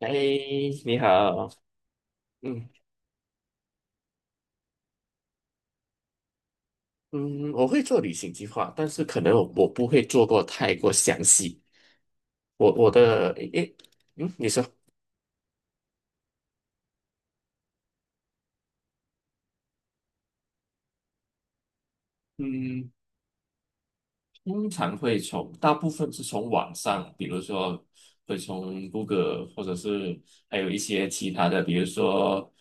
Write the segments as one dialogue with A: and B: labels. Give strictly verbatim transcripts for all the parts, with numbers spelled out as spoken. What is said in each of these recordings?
A: 哎，你好，嗯嗯，我会做旅行计划，但是可能我我不会做过太过详细。我我的诶，嗯，你说，嗯，通常会从大部分是从网上，比如说会从 Google，或者是还有一些其他的，比如说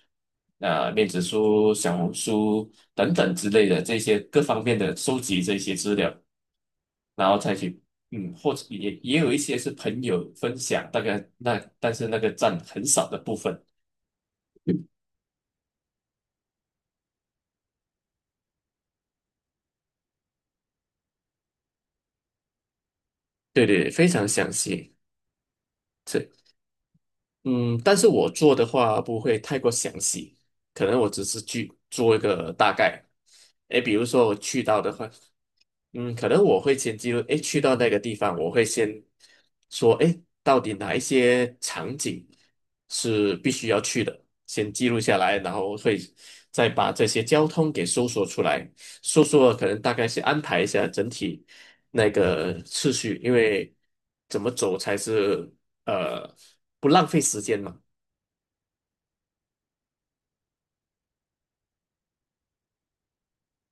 A: 呃面子书、小红书等等之类的这些各方面的收集这些资料。然后再去，嗯，或者也也有一些是朋友分享，大概那但是那个占很少的部分。对对，对非常详细。这，嗯，但是我做的话不会太过详细，可能我只是去做一个大概。诶，比如说我去到的话。嗯，可能我会先记录，诶，去到那个地方，我会先说，诶，到底哪一些场景是必须要去的，先记录下来，然后会再把这些交通给搜索出来，搜索可能大概是安排一下整体那个次序，因为怎么走才是呃不浪费时间嘛。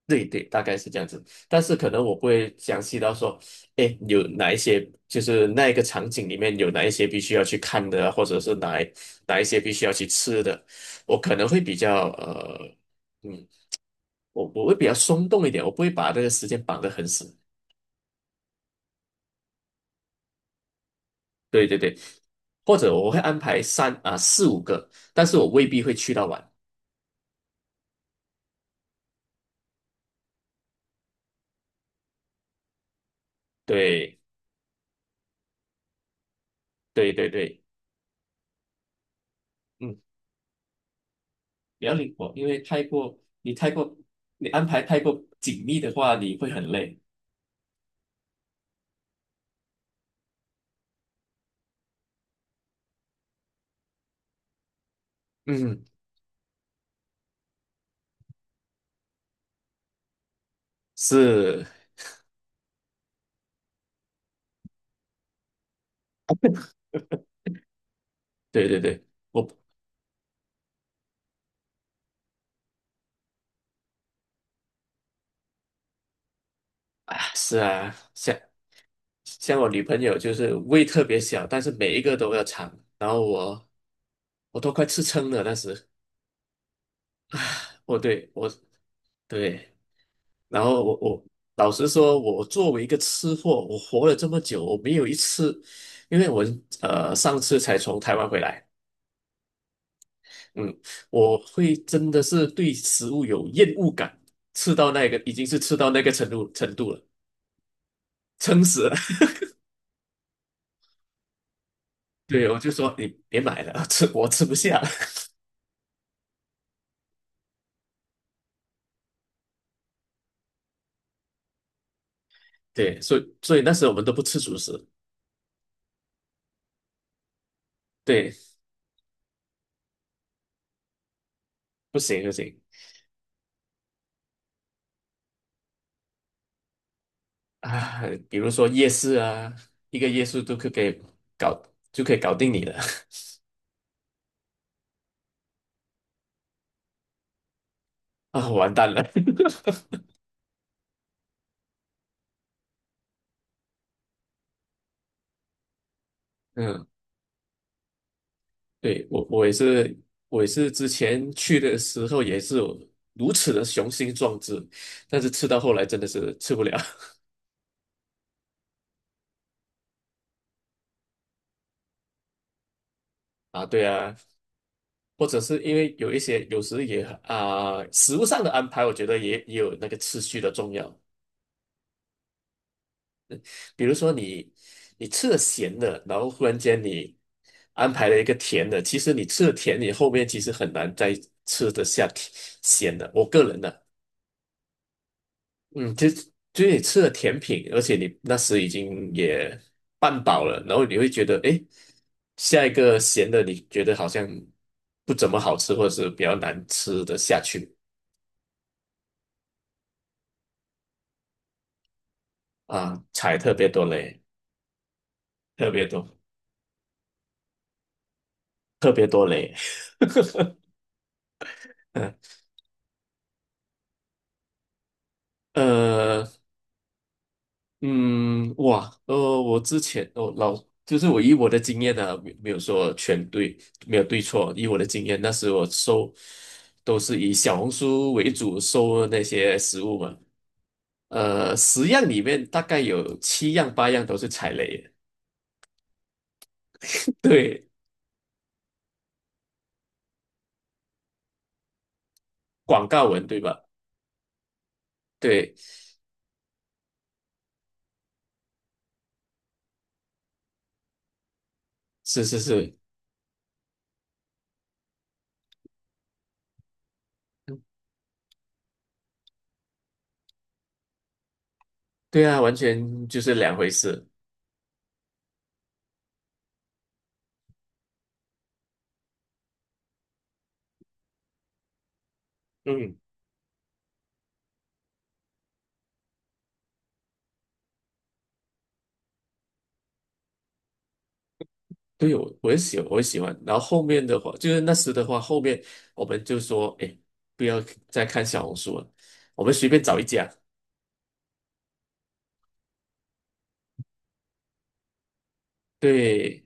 A: 对对，大概是这样子，但是可能我不会详细到说，哎，有哪一些，就是那一个场景里面有哪一些必须要去看的啊或者是哪一哪一些必须要去吃的，我可能会比较呃，嗯，我我会比较松动一点，我不会把这个时间绑得很死。对对对，或者我会安排三啊四五个，但是我未必会去到晚。对对对对，嗯，比较灵活，因为太过你太过你安排太过紧密的话，你会很累。嗯，是，对对对，我啊是啊，像像我女朋友就是胃特别小，但是每一个都要尝，然后我我都快吃撑了，那时哦，对我对，然后我我老实说，我作为一个吃货，我活了这么久，我没有一次，因为我呃上次才从台湾回来，嗯，我会真的是对食物有厌恶感，吃到那个已经是吃到那个程度程度了，撑死了。对，我就说你别买了，吃我吃不下。对，所以所以那时候我们都不吃主食，对，不行不行啊，比如说夜市啊，一个夜市都可以给搞就可以搞定你了 啊，完蛋了。嗯，对，我我也是，我也是之前去的时候也是有如此的雄心壮志，但是吃到后来真的是吃不了 啊。对啊，或者是因为有一些有时也啊、食物上的安排，我觉得也也有那个次序的重要。比如说你你吃了咸的，然后忽然间你安排了一个甜的，其实你吃了甜，你后面其实很难再吃得下甜咸的。我个人的，嗯，就就你吃了甜品，而且你那时已经也半饱了，然后你会觉得，哎，下一个咸的你觉得好像不怎么好吃，或者是比较难吃得下去啊，踩特别多雷，特别多，特别多雷。呃，嗯，哇，呃，我之前哦老就是我以我的经验呢、啊没没有说全对，没有对错。以我的经验，那时我搜都是以小红书为主搜那些食物嘛，呃，十样里面大概有七样八样都是踩雷的，对，广告文对吧？对，是是是，对啊，完全就是两回事。嗯。对，我我也喜我也喜欢。然后后面的话，就是那时的话，后面我们就说，哎，不要再看小红书了，我们随便找一家。对，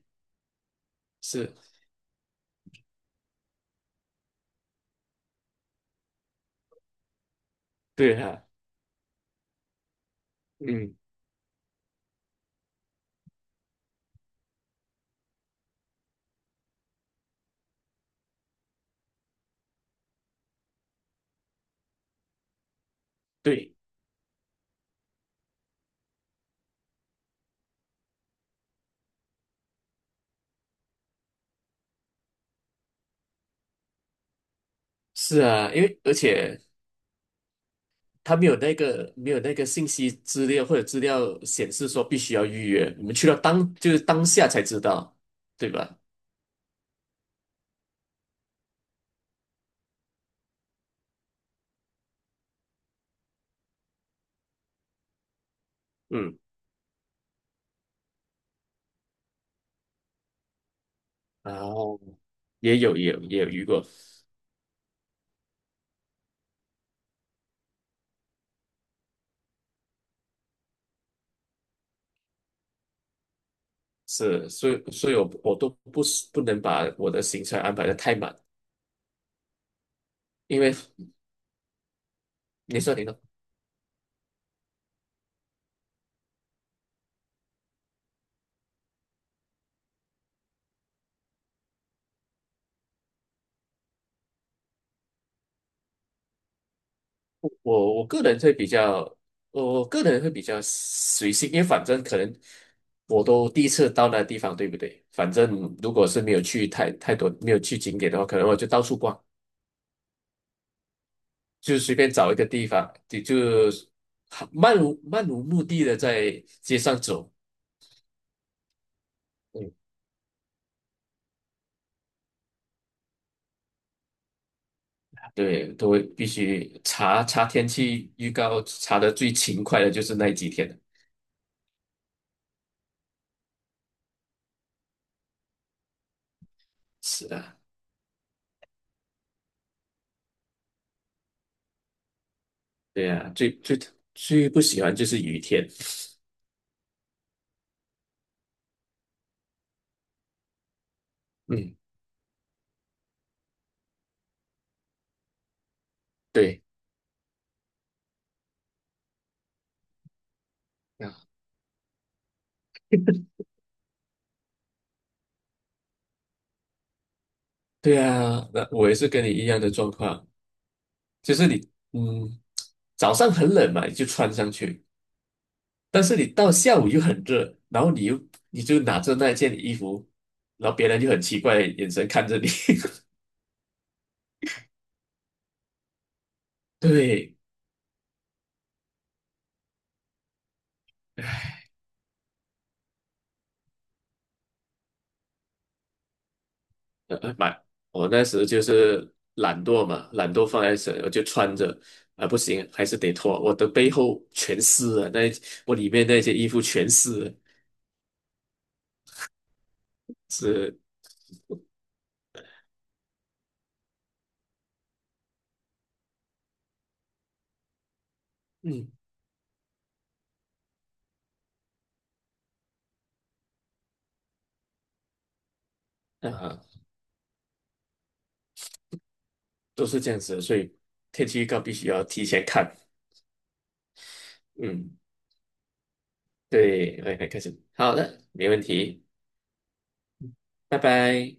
A: 是，对哈、嗯，对，是啊，因为而且他没有那个没有那个信息资料或者资料显示说必须要预约，我们去到当就是当下才知道，对吧？嗯，然后也有也有也有遇过，是，所以所以我我都不是不能把我的行程安排的太满。因为你说，你说，我我个人会比较，我我个人会比较随性，因为反正可能我都第一次到那地方，对不对？反正如果是没有去太太多，没有去景点的话，可能我就到处逛，就随便找一个地方，就就漫无漫无目的的在街上走。嗯，对，都会必须查查天气预告，查的最勤快的就是那几天了。是啊，对啊，最最最不喜欢就是雨天。嗯，对。啊，对啊，那我也是跟你一样的状况，就是你，嗯，早上很冷嘛，你就穿上去，但是你到下午又很热，然后你又你就拿着那件衣服，然后别人就很奇怪的眼神看着你。对，呃，呃买，我那时就是懒惰嘛，懒惰放在身，我就穿着，啊、不行，还是得脱，我的背后全湿了，那一我里面那些衣服全湿了，是，嗯，啊、都是这样子的，所以天气预告必须要提前看。嗯，对，来来开始，好的，没问题，拜拜。